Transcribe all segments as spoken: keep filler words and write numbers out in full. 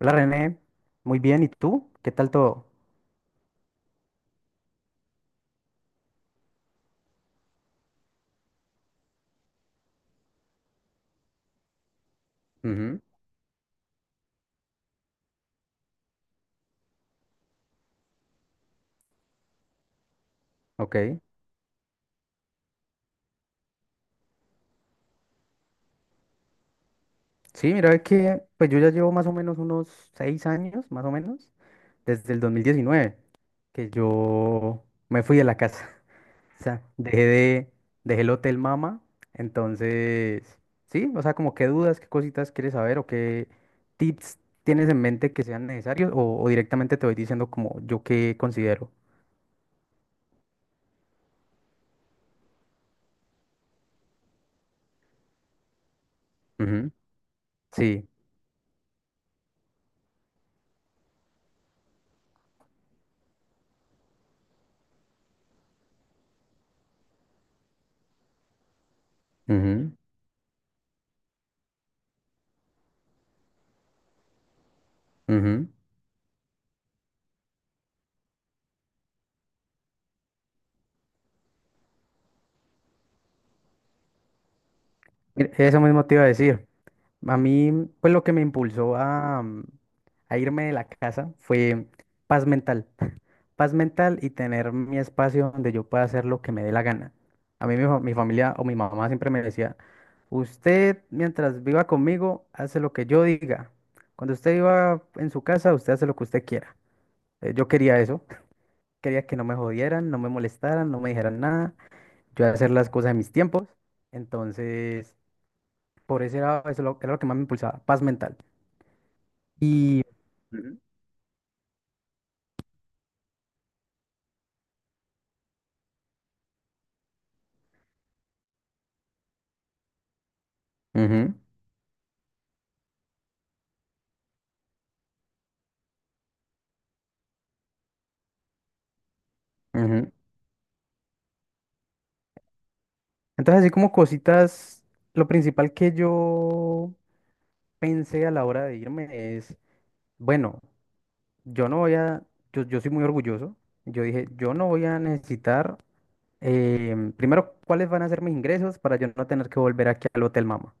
Hola René, muy bien, ¿y tú? ¿Qué tal todo? Ujú. Ok, sí, mira, es que pues yo ya llevo más o menos unos seis años, más o menos, desde el dos mil diecinueve, que yo me fui de la casa. O sea, dejé de, dejé el hotel Mama. Entonces, sí, o sea, como qué dudas, qué cositas quieres saber o qué tips tienes en mente que sean necesarios o, o directamente te voy diciendo como yo qué considero. Ujú. Sí. Ujú, ujú. Mira, eso mismo te iba a decir. A mí, mm, pues lo que me impulsó a, mm, a irme de la casa fue paz mental. Paz mental y tener mi espacio donde yo pueda hacer lo que me dé la gana. A mí mi, fa- mi familia o mi mamá siempre me decía, usted mientras viva conmigo, hace lo que yo diga. Cuando usted viva en su casa, usted hace lo que usted quiera. Eh, Yo quería eso, quería que no me jodieran, no me molestaran, no me dijeran nada, yo hacer las cosas en mis tiempos. Entonces, por eso era, eso lo- era lo que más me impulsaba, paz mental. Y. Ujú. Ujú, ujú. Entonces, así como cositas, lo principal que yo pensé a la hora de irme es, bueno, yo no voy a, yo, yo soy muy orgulloso, yo dije, yo no voy a necesitar, em, primero, cuáles van a ser mis ingresos para yo no tener que volver aquí al Hotel Mama,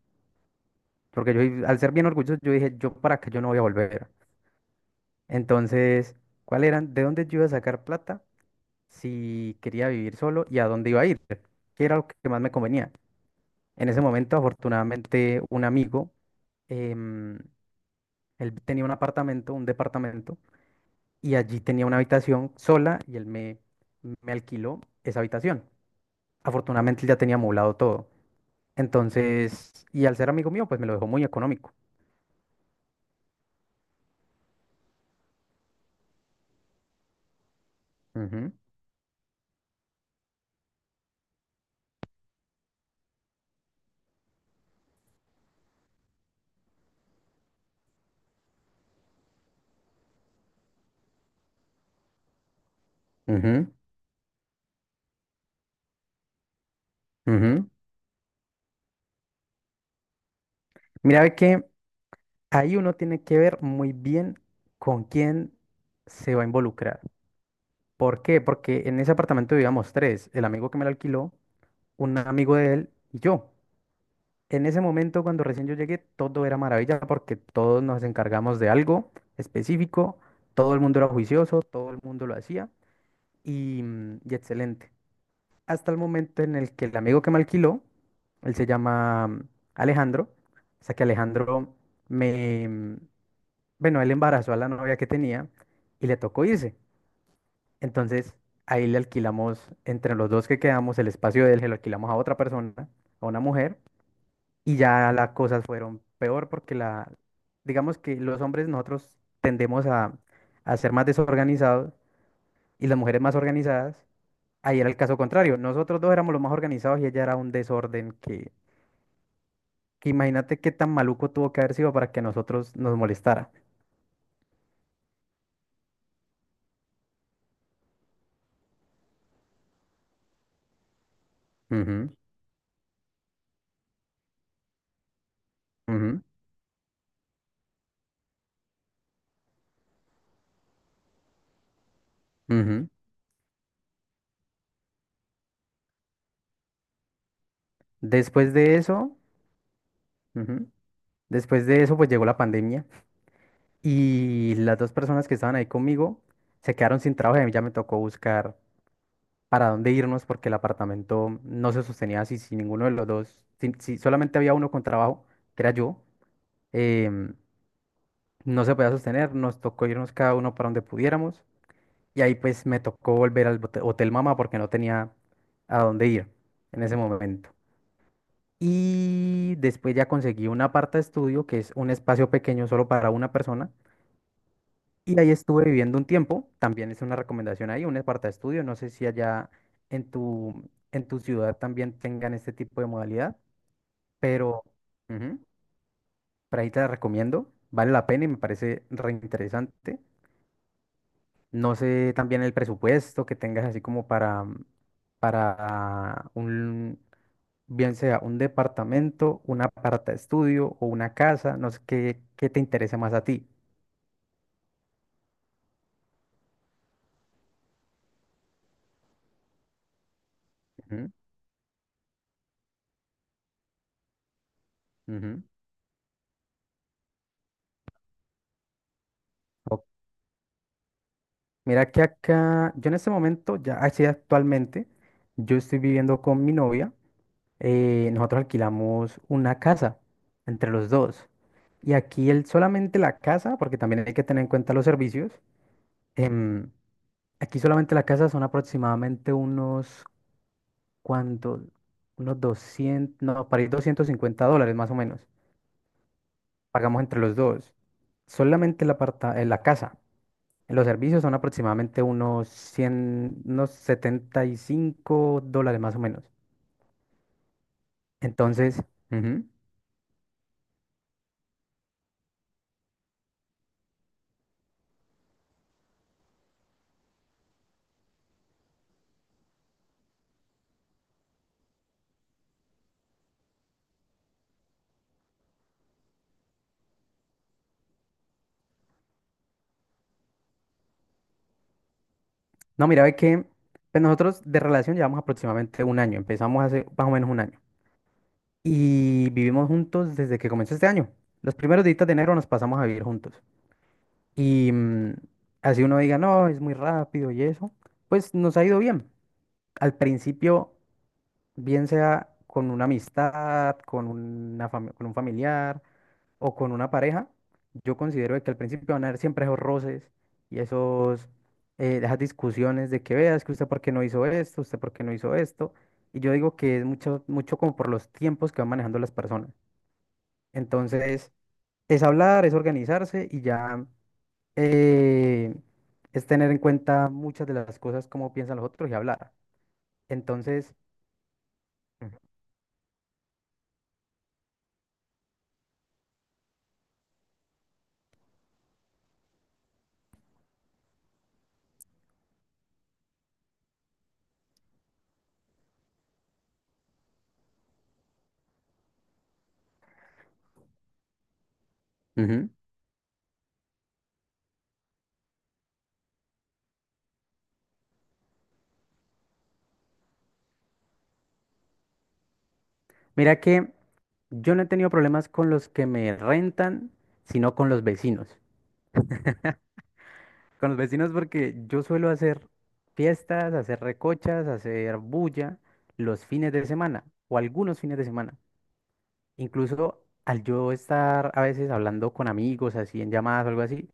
porque yo, i- al ser bien orgulloso, yo dije, yo para acá yo no voy a volver. Entonces, ¿cuál eran, de dónde yo iba a sacar plata si quería vivir solo y a dónde iba a ir? ¿Qué era lo que más me convenía? En ese momento, afortunadamente, un amigo, em, él tenía un apartamento, un departamento, y allí tenía una habitación sola y él me, me alquiló esa habitación. Afortunadamente, él ya tenía amoblado todo. Entonces, y al ser amigo mío, pues me lo dejó muy económico. Ujú, ujú, ujú. Mira, ve que ahí uno tiene que ver muy bien con quién se va a involucrar. ¿Por qué? Porque en ese apartamento vivíamos tres, el amigo que me lo alquiló, un amigo de él y yo. En ese momento, cuando recién yo llegué, todo era maravilla porque todos nos encargamos de algo específico, todo el mundo era juicioso, todo el mundo lo hacía y, mm, y excelente. Hasta el momento en el que el amigo que me alquiló, él se llama mm, Alejandro, o sea que Alejandro me, mm, bueno, él embarazó a la novia que tenía y le tocó irse. Entonces ahí le alquilamos, entre los dos que quedamos, el espacio de él, se lo alquilamos a otra persona, a una mujer y ya las cosas fueron peor porque la, digamos que los hombres nosotros tendemos a, a ser más desorganizados y las mujeres más organizadas. Ahí era el caso contrario. Nosotros dos éramos los más organizados y ella era un desorden que, que imagínate qué tan maluco tuvo que haber sido para que a nosotros nos molestara. Ujú, ujú, ujú. Después de eso, ujú, después de eso pues llegó la pandemia y las dos personas que estaban ahí conmigo se quedaron sin trabajo y a mí ya me tocó buscar para dónde irnos porque el apartamento no se sostenía así, si ninguno de los dos, si, si solamente había uno con trabajo, que era yo, em, no se podía sostener, nos tocó irnos cada uno para donde pudiéramos y ahí pues me tocó volver al bote- Hotel Mama porque no tenía a dónde ir en ese momento. Y después ya conseguí un aparta estudio, que es un espacio pequeño solo para una persona. Y ahí estuve viviendo un tiempo, también es una recomendación ahí, un aparta estudio, no sé si allá en tu, en tu ciudad también tengan este tipo de modalidad, pero ujú, por ahí te la recomiendo, vale la pena y me parece reinteresante. No sé también el presupuesto que tengas así como para, para un, bien sea un departamento, un aparta estudio o una casa, no sé qué, qué te interesa más a ti. Ujú, ujú. Mira que acá, yo en ese momento, ya así actualmente, yo estoy viviendo con mi novia. Eh, nosotros alquilamos una casa entre los dos. Y aquí el, solamente la casa, porque también hay que tener en cuenta los servicios. Em, aquí solamente la casa son aproximadamente unos, ¿cuántos? Unos doscientos, no, para ir doscientos cincuenta dólares más o menos. Pagamos entre los dos. Solamente la, aparta, eh, la casa. Los servicios son aproximadamente unos cien, unos setenta y cinco dólares más o menos. Entonces, ujú. No, mira, ve que pues nosotros de relación llevamos aproximadamente un año. Empezamos hace más o menos un año. Y vivimos juntos desde que comenzó este año. Los primeros días de enero nos pasamos a vivir juntos. Y mm, así uno diga, no, es muy rápido y eso, pues nos ha ido bien. Al principio bien sea con una amistad, con una fami- con un familiar o con una pareja, yo considero de que al principio van a haber siempre esos roces y esos, eh, esas discusiones de que veas que usted por qué no hizo esto, usted por qué no hizo esto. Y yo digo que es mucho, mucho como por los tiempos que van manejando las personas. Entonces, es hablar, es organizarse y ya eh, es tener en cuenta muchas de las cosas, cómo piensan los otros y hablar. Entonces. Ujú. Mira que yo no he tenido problemas con los que me rentan, sino con los vecinos. Con los vecinos porque yo suelo hacer fiestas, hacer recochas, hacer bulla los fines de semana o algunos fines de semana. Incluso al yo estar a veces hablando con amigos, así en llamadas o algo así,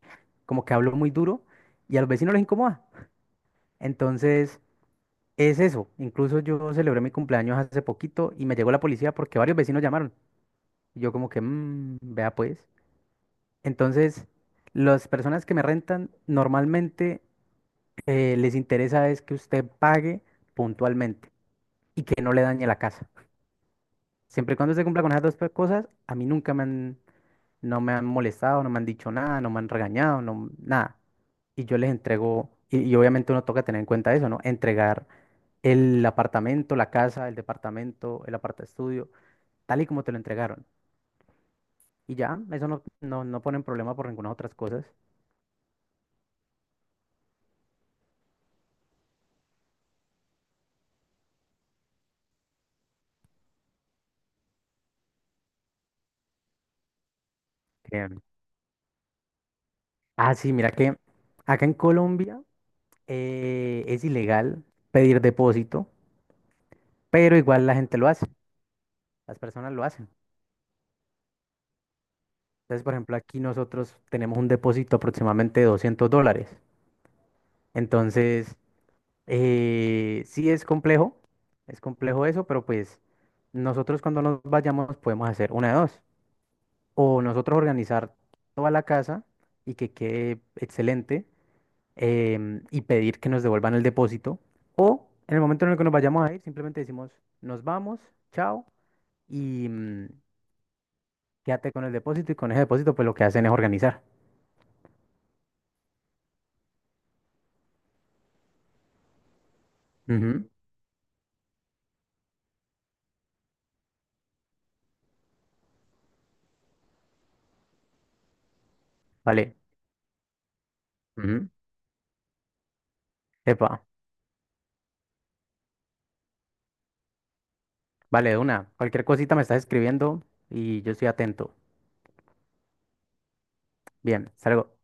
como que hablo muy duro y a los vecinos les incomoda. Entonces, es eso. Incluso yo celebré mi cumpleaños hace poquito y me llegó la policía porque varios vecinos llamaron. Y yo como que, "Mm, vea pues". Entonces, las personas que me rentan normalmente eh, les interesa es que usted pague puntualmente y que no le dañe la casa. Siempre y cuando se cumpla con esas dos pe- cosas, a mí nunca me han, no me han molestado, no me han dicho nada, no me han regañado, no, nada. Y yo les entrego, y, y obviamente uno toca tener en cuenta eso, ¿no? Entregar el apartamento, la casa, el departamento, el aparta estudio, tal y como te lo entregaron. Y ya, eso no, no, no ponen problema por ninguna otras cosas. Ah, sí, mira que acá en Colombia eh, es ilegal pedir depósito, pero igual la gente lo hace, las personas lo hacen. Entonces, por ejemplo, aquí nosotros tenemos un depósito aproximadamente de doscientos dólares. Entonces, eh, sí es complejo, es complejo eso, pero pues nosotros cuando nos vayamos podemos hacer una de dos. O nosotros organizar toda la casa y que quede excelente, em, y pedir que nos devuelvan el depósito. O en el momento en el que nos vayamos a ir, simplemente decimos, nos vamos, chao, y mm, quédate con el depósito. Y con ese depósito, pues lo que hacen es organizar. Ujú. Vale. Ujú. Epa. Vale, de una. Cualquier cosita me estás escribiendo y yo estoy atento. Bien, salgo.